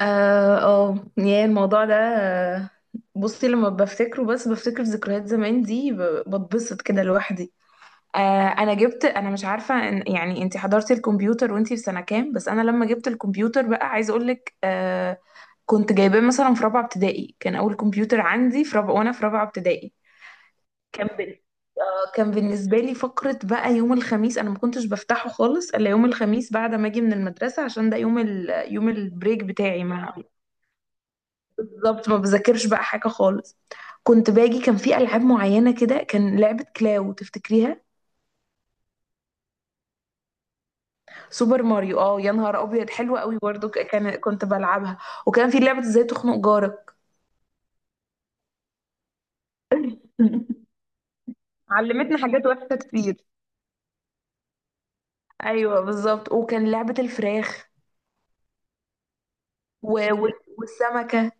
اه يا الموضوع ده بصي لما بفتكره بس بفتكر ذكريات زمان دي بتبسط كده لوحدي. انا مش عارفه إن يعني انت حضرتي الكمبيوتر وانتي في سنه كام، بس انا لما جبت الكمبيوتر بقى عايزه اقول لك، كنت جايباه مثلا في رابعه ابتدائي، كان اول كمبيوتر عندي في رابعه وانا في رابعه ابتدائي. كان بال... كان بالنسبة لي فقرة بقى يوم الخميس، أنا ما كنتش بفتحه خالص إلا يوم الخميس بعد ما أجي من المدرسة عشان ده يوم البريك بتاعي مع. بالضبط، ما بذاكرش بقى حاجة خالص. كنت باجي، كان في ألعاب معينة كده، كان لعبة كلاو تفتكريها؟ سوبر ماريو، اه يا نهار أبيض حلوة قوي برضه، ك- كان كنت بلعبها. وكان في لعبة ازاي تخنق جارك. علمتنا حاجات وحشة كتير. أيوة بالظبط، وكان لعبة الفراخ والسمكة.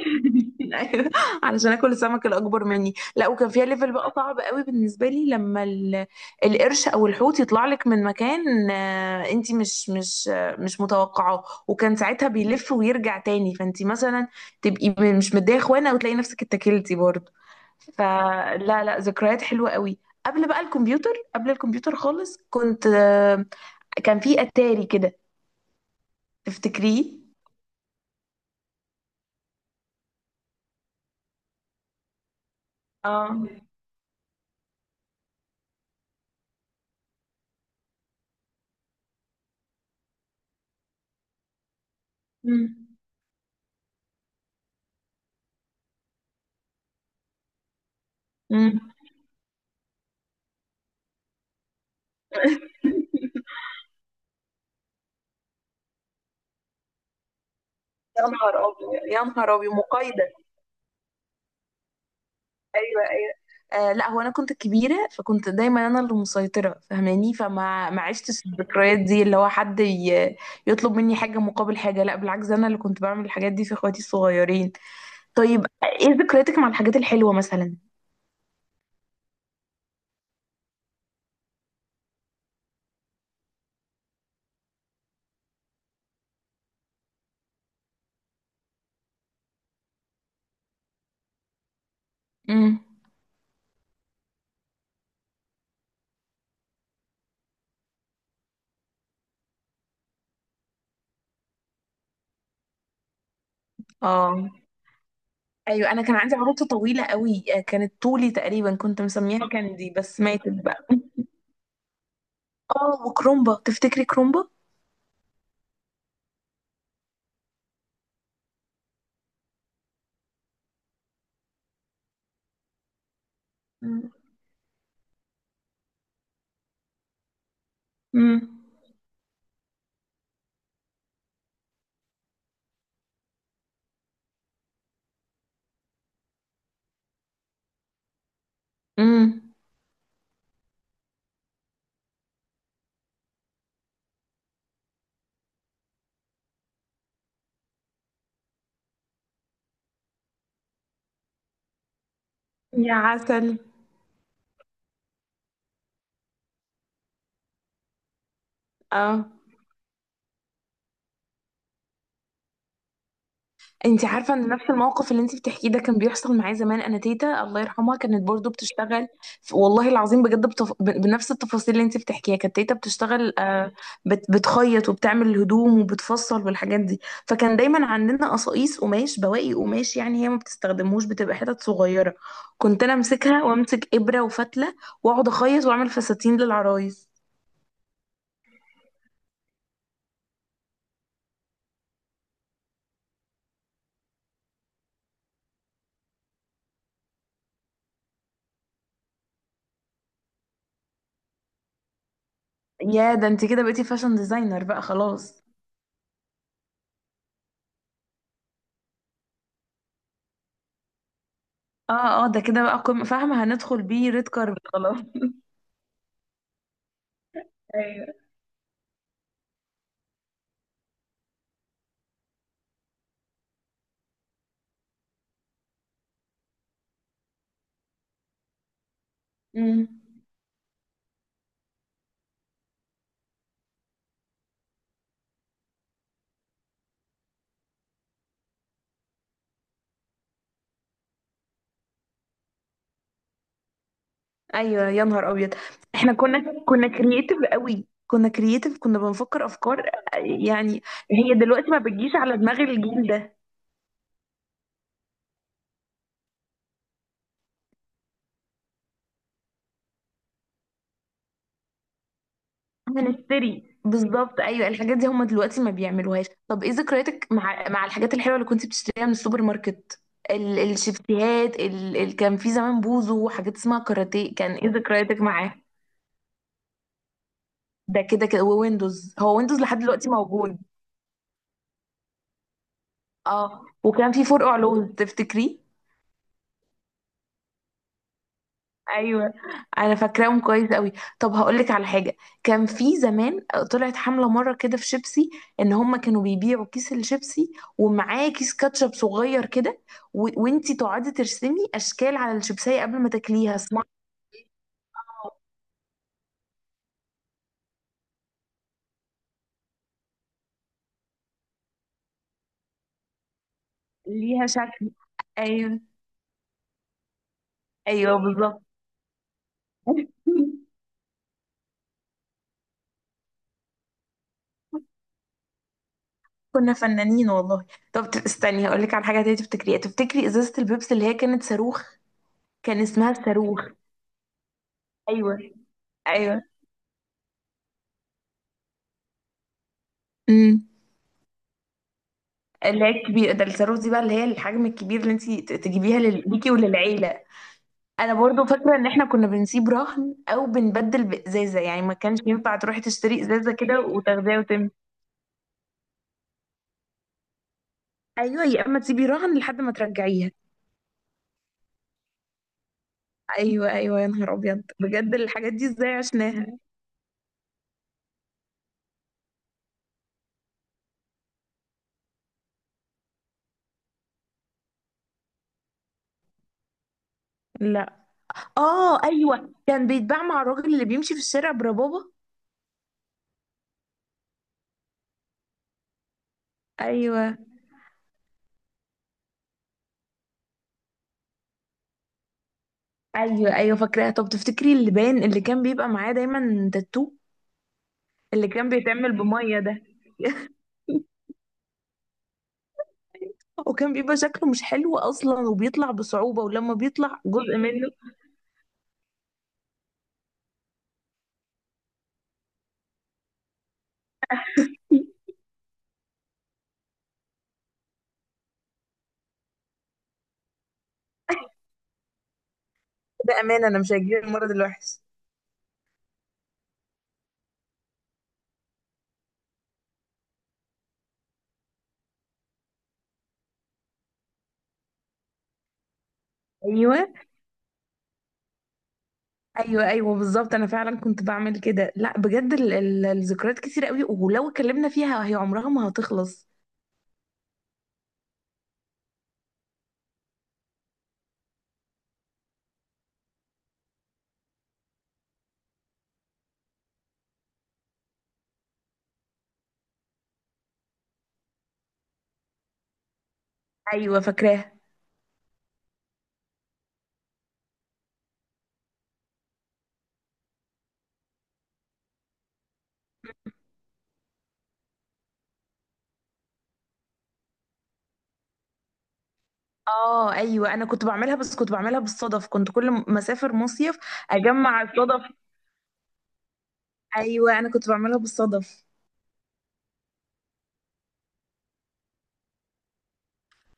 ايوه، علشان اكل السمك الاكبر مني، لا وكان فيها ليفل بقى صعب قوي بالنسبه لي لما القرش او الحوت يطلع لك من مكان، انت مش مش متوقعاه، وكان ساعتها بيلف ويرجع تاني، فانت مثلا تبقي مش مديه اخوانه وتلاقي نفسك اتكلتي برضه. فلا لا، ذكريات حلوه قوي. قبل بقى الكمبيوتر، قبل الكمبيوتر خالص كنت، كان في اتاري كده، تفتكريه؟ اه. امم. يا نهار ابيض يا نهار ابيض، مقايضه. ايوه ايوه. لا، هو انا كنت الكبيره فكنت دايما انا اللي مسيطره، فاهماني؟ فما ما عشتش الذكريات دي، اللي هو حد يطلب مني حاجه مقابل حاجه، لا بالعكس، انا اللي كنت بعمل الحاجات دي في اخواتي الصغيرين. طيب ايه ذكرياتك مع الحاجات الحلوه مثلا؟ امم. اه ايوه، انا كان عندي عروسه طويله قوي، كانت طولي تقريبا، كنت مسميها كاندي، بس ماتت بقى. اه، وكرومبا، تفتكري كرومبا؟ امم. امم. يا عسل. اه، انت عارفه ان نفس الموقف اللي انت بتحكيه ده كان بيحصل معايا زمان، انا تيتا الله يرحمها كانت برضو بتشتغل. والله العظيم بجد بنفس التفاصيل اللي انت بتحكيها كانت تيتا بتشتغل، آه بتخيط وبتعمل الهدوم وبتفصل والحاجات دي. فكان دايما عندنا قصاقيس قماش، بواقي قماش يعني، هي ما بتستخدموش، بتبقى حتت صغيره. كنت انا امسكها وامسك ابره وفتله، واقعد اخيط واعمل فساتين للعرايس. يا ده، انت كده بقيتي فاشن ديزاينر بقى خلاص. اه اه، ده كده بقى قمة، فاهمة؟ هندخل بيه ريد كاربت خلاص. ايوه. امم. ايوه يا نهار ابيض. احنا كنا كرييتيف قوي، كنا كرييتيف، كنا بنفكر افكار يعني. هي دلوقتي ما بتجيش على دماغ الجيل ده. هنشتري بالظبط، ايوه الحاجات دي هم دلوقتي ما بيعملوهاش. طب ايه ذكرياتك مع الحاجات الحلوه اللي كنت بتشتريها من السوبر ماركت؟ الشيبسيهات، كان في زمان بوزو وحاجات اسمها كاراتيه، كان ايه ذكرياتك معاه؟ ده كده كده، وويندوز، هو ويندوز لحد دلوقتي موجود. اه، وكان في فور علوم تفتكريه؟ ايوه، انا فاكراهم كويس قوي. طب هقول لك على حاجه، كان في زمان طلعت حمله مره كده في شيبسي، ان هم كانوا بيبيعوا كيس الشيبسي ومعاه كيس كاتشب صغير كده، وانتي تقعدي ترسمي اشكال على الشيبسيه قبل ما تاكليها، اسمها ليها شكل. ايوه ايوه بالظبط. كنا فنانين والله. طب استني، هقول لك على حاجه تانية تفتكريها، تفتكري ازازه البيبسي اللي هي كانت صاروخ؟ كان اسمها الصاروخ. ايوه. ايوه. امم. اللي هي الكبيره ده، الصاروخ دي بقى اللي هي الحجم الكبير اللي انت تجيبيها ليكي وللعيله. انا برضو فاكره ان احنا كنا بنسيب رهن او بنبدل بازازه، يعني ما كانش ينفع تروحي تشتري ازازه كده وتاخديها وتمشي. ايوه، يا اما تسيبي رهن لحد ما ترجعيها. ايوه ايوه يا نهار ابيض، بجد الحاجات دي ازاي عشناها. لا. اه ايوه، كان بيتباع مع الراجل اللي بيمشي في الشارع بربابه. ايوه. ايوه ايوه فاكراها. طب تفتكري اللبان اللي كان بيبقى معاه دايما تاتو؟ اللي كان بيتعمل بميه ده. وكان بيبقى شكله مش حلو اصلا، وبيطلع بصعوبه، ولما بيطلع جزء منه. ده امان، انا مش هجيب المرض الوحش. ايوه. ايوه ايوه بالظبط، انا فعلا كنت بعمل كده. لا بجد، الذكريات كتير قوي، ولو اتكلمنا فيها هي عمرها ما هتخلص. ايوه فاكراها. اه ايوه، انا كنت بعملها بس كنت بعملها بالصدف، كنت كل ما اسافر مصيف اجمع الصدف. ايوه، انا كنت بعملها بالصدف.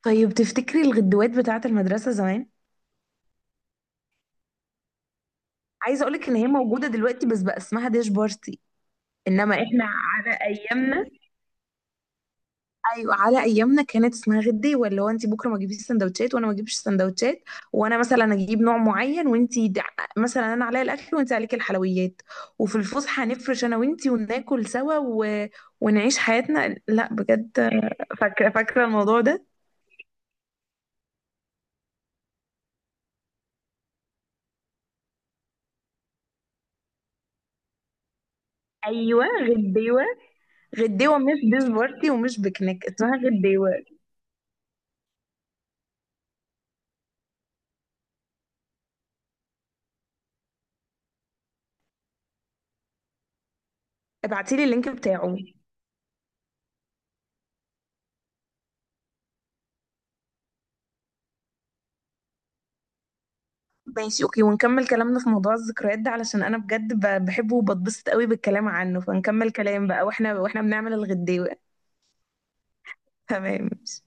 طيب تفتكري الغدوات بتاعه المدرسه زمان؟ عايزه اقولك ان هي موجوده دلوقتي بس بقى اسمها ديش بارتي. انما احنا على ايامنا، ايوه على ايامنا كانت اسمها غدي، ولا هو انت بكره ما تجيبيش سندوتشات وانا ما اجيبش سندوتشات، وانا مثلا اجيب نوع معين وانت مثلا انا عليا الاكل وانت عليك الحلويات، وفي الفسحه هنفرش انا وانت وناكل سوا ونعيش حياتنا. لا بجد، فاكره الموضوع ده. ايوه. غديوه. غديوه، مش ديش بارتي ومش بيكنيك، اسمها غديوه. ابعتيلي اللينك بتاعه. ماشي اوكي، ونكمل كلامنا في موضوع الذكريات ده، علشان انا بجد بحبه وبتبسط قوي بالكلام عنه، فنكمل كلام بقى واحنا بنعمل الغداوة. تمام ماشي.